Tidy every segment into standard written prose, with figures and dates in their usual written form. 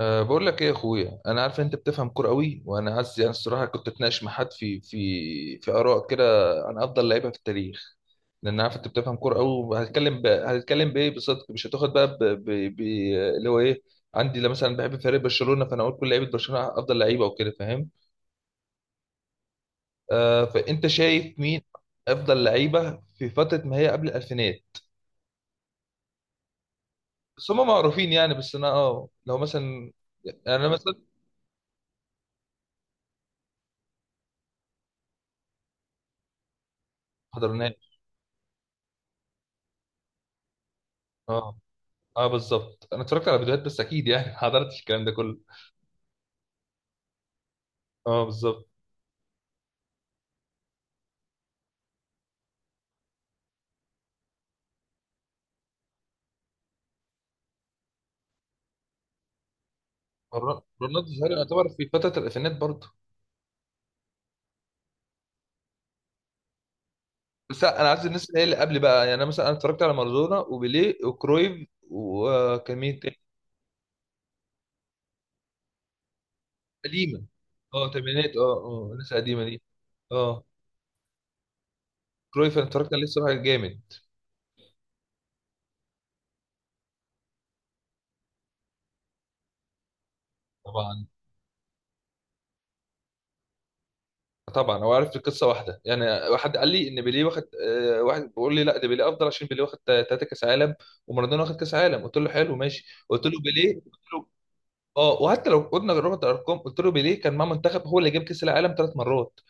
بقول لك ايه يا اخويا، انا عارف انت بتفهم كوره قوي، وانا عايز يعني الصراحه كنت اتناقش مع حد في اراء كده عن افضل لعيبه في التاريخ، لان عارف انت بتفهم كوره قوي. وهتكلم هتكلم بايه بصدق؟ مش هتاخد بقى ب... اللي هو ايه؟ عندي لا، مثلا بحب فريق برشلونه فانا اقول كل لعيبه برشلونه افضل لعيبه وكده، فاهم. أه، فانت شايف مين افضل لعيبه في فتره ما هي قبل الالفينات؟ بس هم معروفين يعني. بس انا اه لو مثلا، يعني انا مثلا، حضرناه. اه اه بالظبط، انا اتفرجت على فيديوهات بس اكيد يعني ما حضرتش الكلام ده كله. اه بالظبط. رونالدو الظاهري يعتبر في فتره الالفينات برضه. بس انا عايز الناس اللي هي اللي قبل بقى. يعني انا مثلا، انا اتفرجت على مارادونا وبيليه وكرويف، وكان مين تاني؟ قديمه. اه تمانينات، اه اه الناس القديمه دي. اه كرويف، انا اتفرجت عليه الصراحه جامد. طبعا طبعا. هو عارف القصه واحده يعني. واحد قال لي ان بيليه واخد آه، واحد بيقول لي لا ده بيليه افضل عشان بيليه واخد ثلاثه كاس عالم ومارادونا واخد كاس عالم، قلت له حلو ماشي. قلت له بيليه. اه وحتى لو قلنا رحت الارقام، قلت له بيليه كان مع منتخب هو اللي جاب كاس العالم ثلاث مرات.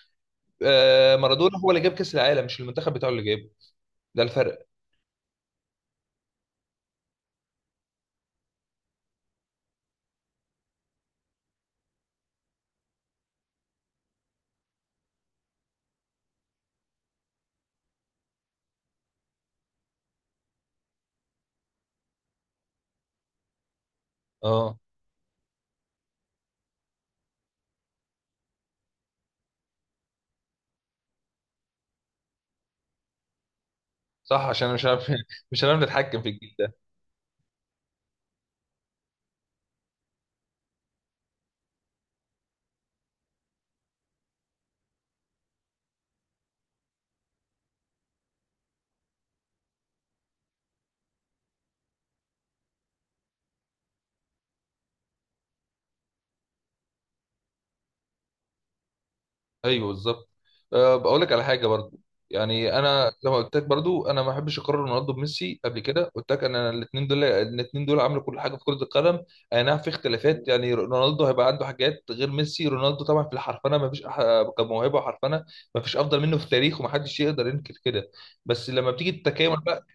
آه مارادونا هو اللي جاب كاس العالم، مش المنتخب بتاعه اللي جابه. ده الفرق. اه صح، عشان أنا مش عارف مش هنعرف نتحكم في الجيل. ايوه بالظبط. أه بقول لك على حاجه برضو. يعني انا لما قلت لك برضو انا ما بحبش اقرر رونالدو بميسي، قبل كده قلت لك انا الاثنين دول، الاثنين دول عملوا كل حاجه في كره القدم. اي نعم في اختلافات، يعني رونالدو هيبقى عنده حاجات غير ميسي. رونالدو طبعا في الحرفنه ما فيش كموهبه وحرفنه ما فيش افضل منه في التاريخ، ومحدش يقدر ينكر كده. بس لما بتيجي التكامل بقى.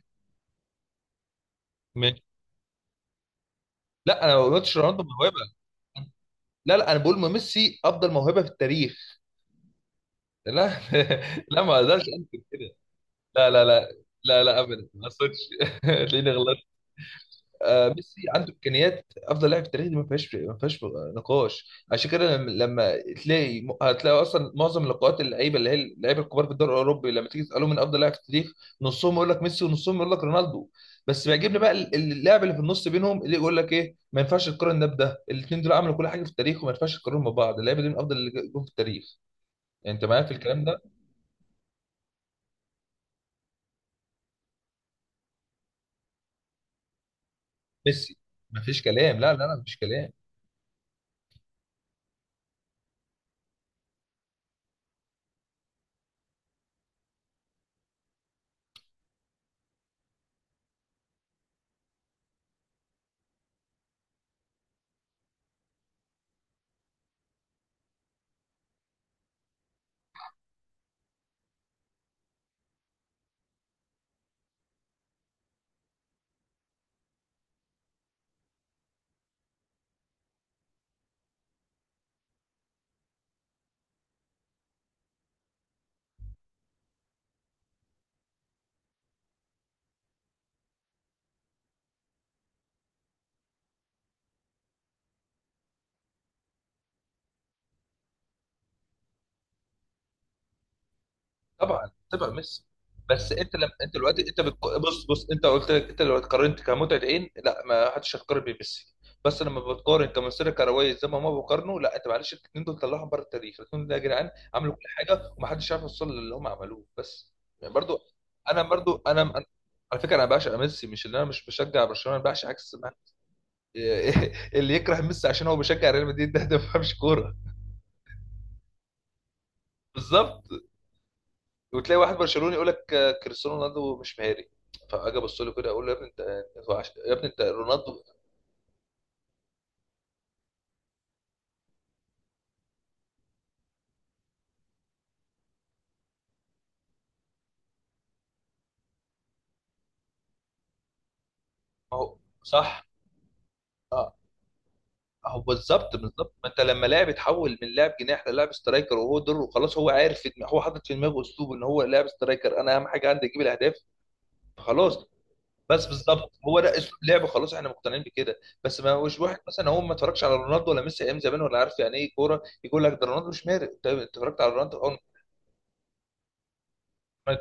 م- لا انا ما قلتش رونالدو موهبه. لا لا، انا بقول ميسي افضل موهبه في التاريخ. لا لا ما اقدرش انكر كده. لا لا لا. لا لا، ابدا ما اقصدش تلاقيني غلطت. آه ميسي عنده امكانيات افضل لاعب في التاريخ، دي ما فيهاش، ما فيهاش نقاش. عشان كده لما تلاقي، هتلاقي اصلا معظم لقاءات اللعيبه اللي هي اللعيبه الكبار في الدوري الاوروبي لما تيجي تسالهم من افضل لاعب في التاريخ، نصهم يقول لك ميسي ونصهم يقول لك رونالدو. بس بيعجبني بقى اللاعب اللي في النص بينهم اللي يقول لك ايه، ما ينفعش تقارن ده بده، الاثنين دول عملوا كل حاجه في التاريخ وما ينفعش تقارنهم ببعض. اللعيبه دي من افضل اللي جم في التاريخ. يعني انت معايا في الكلام ده؟ ميسي ما فيش كلام، لا لا لا ما فيش كلام. طبعا طبعا ميسي. بس انت لما انت دلوقتي انت بص بص، انت قلت لك انت لو قارنت كمتعه عين لا، ما حدش هيقارن بميسي. بس لما بتقارن كمسيره كرويه زي ما هما بيقارنوا، لا انت معلش الاثنين دول طلعهم بره التاريخ، الاثنين دول يا جدعان عملوا كل حاجه ومحدش عارف يوصل للي هم عملوه بس. يعني برضو انا برضو على فكره انا بعشق ميسي، مش ان انا مش بشجع برشلونه، انا بعشق عكس اللي يكره ميسي عشان هو بيشجع ريال مدريد، ده ده ما بيفهمش كوره. بالظبط. وتلاقي واحد برشلوني يقول لك آه، كريستيانو رونالدو مش مهاري، فاجي ابص له كده اقول له يا ابني انت، أنت يا ابني انت رونالدو. ما هو صح. اه اهو بالظبط بالظبط. ما انت لما لاعب يتحول من لاعب جناح للاعب سترايكر وهو دوره خلاص، هو عارف في دماغه، هو حاطط في دماغه اسلوب ان هو لاعب سترايكر انا اهم حاجه عندي اجيب الاهداف، خلاص. بس بالظبط هو ده اسلوب لعبه، خلاص احنا مقتنعين بكده. بس ما هوش واحد مثلا هو ما اتفرجش على رونالدو ولا ميسي ايام زمان ولا عارف يعني ايه كوره يقول لك ده رونالدو مش مهاري. انت أنت اتفرجت على رونالدو؟ اه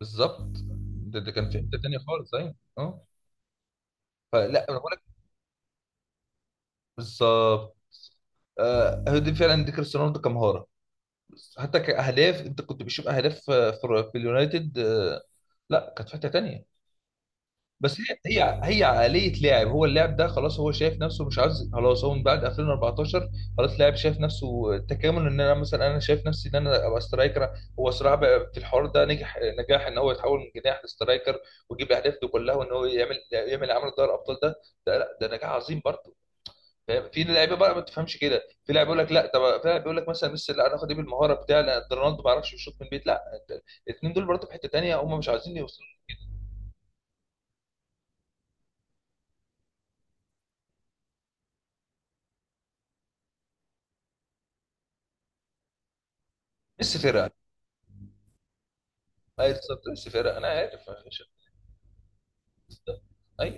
بالظبط. ده كان في حته تانيه خالص، ايوه اه. فلا انا بقول لك بالظبط. آه هو دي فعلا دي كريستيانو رونالدو كمهاره. بس حتى كاهداف انت كنت بتشوف اهداف آه، في اليونايتد، آه لا كانت في حته تانيه. بس هي عقليه لاعب. هو اللاعب ده خلاص هو شايف نفسه، مش عايز خلاص. هو من بعد 2014 خلاص لاعب شايف نفسه، التكامل ان انا مثلا انا شايف نفسي ان انا ابقى سترايكر. هو صراحه بقى في الحوار ده نجح نجاح ان هو يتحول من جناح لسترايكر، ويجيب الاهداف دي كلها، وان هو يعمل يعمل عمل دوري الابطال ده. ده لا ده نجاح عظيم برضه. فاهم؟ في لعيبه بقى ما تفهمش كده، في لاعب يقول لك لا، طب في لاعب يقول لك مثلا ميسي لا انا اخد ايه بالمهاره بتاعي، لا ده رونالدو ما يعرفش يشوط من البيت. لا الاثنين دول برضه في حته تانيه، هم مش عايزين يوصلوا. ميسي فرقه. اي بالظبط بس فرق، انا عارف أنا مش- اي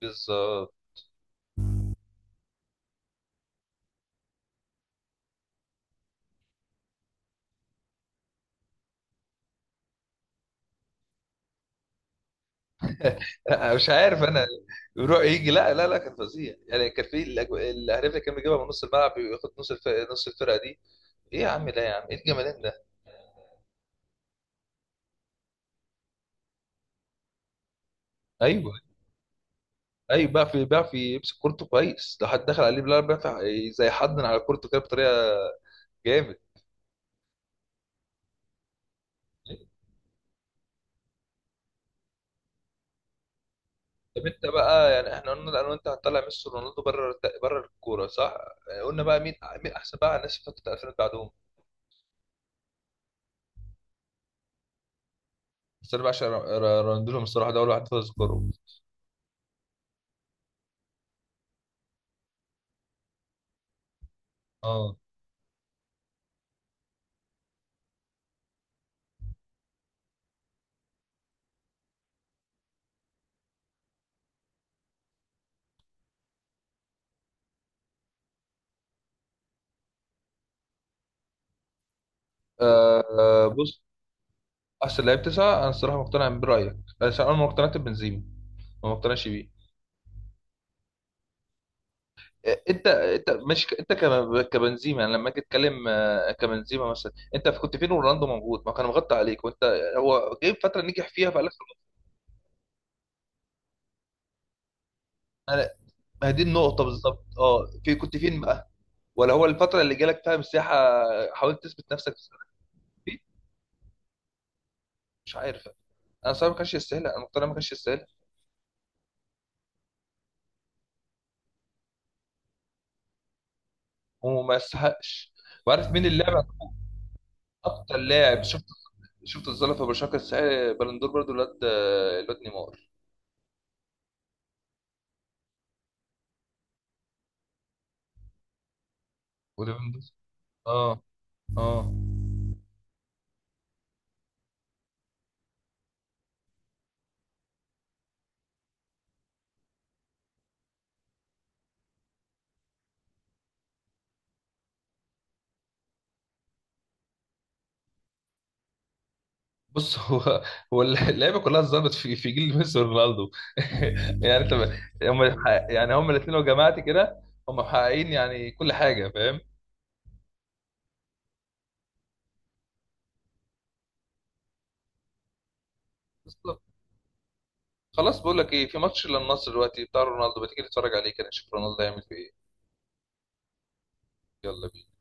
بالظبط. أنا مش عارف انا يروح يجي، لا لا لا كان فظيع يعني. كان في الاهداف اللي كان بيجيبها من نص الملعب، بياخد نص الفرقه، نص الفرقه دي ايه يا عم؟ ده يا عم ايه الجمالان ده! ايوه ايوه، بيعرف بيعرف يمسك كورته كويس، لو حد دخل عليه بالعرض بيعرف زي حضن على كورته كده بطريقه جامد. طب انت بقى يعني احنا قلنا انا وانت هنطلع ميسي ورونالدو بره بره الكوره، صح؟ قلنا بقى مين، مين احسن بقى الناس اللي فتره 2000 بعدهم؟ بس انا بعشق راندولهم الصراحه، ده اول واحد اذكره. اه آه آه، بص. احسن لعيب تسعه، انا الصراحه مقتنع برايك بس انا ما اقتنعت ببنزيما. ما مقتنعش بيه. آه، انت انت مش ك- انت كم- كبنزيما، يعني لما اجي اتكلم آه، كبنزيما مثلا، انت كنت فين ورونالدو موجود؟ ما كان مغطى عليك وانت. هو جاي فتره نجح فيها فقال لك انا. ما هي دي النقطه بالظبط، اه في كنت فين بقى؟ ولا هو الفتره اللي جالك فيها مساحه حاولت تثبت نفسك في السنة دي؟ مش عارف، انا صراحه ما كانش يستاهل، انا مقتنع ما كانش يستاهل. وما يستحقش. وعارف مين اللاعب اكتر لاعب شفت، شفت الظلم في برشلونه كاس بلندور برضو، الواد الواد نيمار. وليفاندوسكي، اه اه. بص هو هو اللعيبه كلها اتظلمت في جيل ميسي ورونالدو. يعني انت. هم. يعني هم الاثنين لو جمعت كده هم محققين يعني كل حاجه، فاهم. بالظبط. خلاص بقول لك ايه، في ماتش للنصر دلوقتي بتاع رونالدو، بتيجي تتفرج عليه كده نشوف رونالدو هيعمل فيه ايه؟ يلا بينا.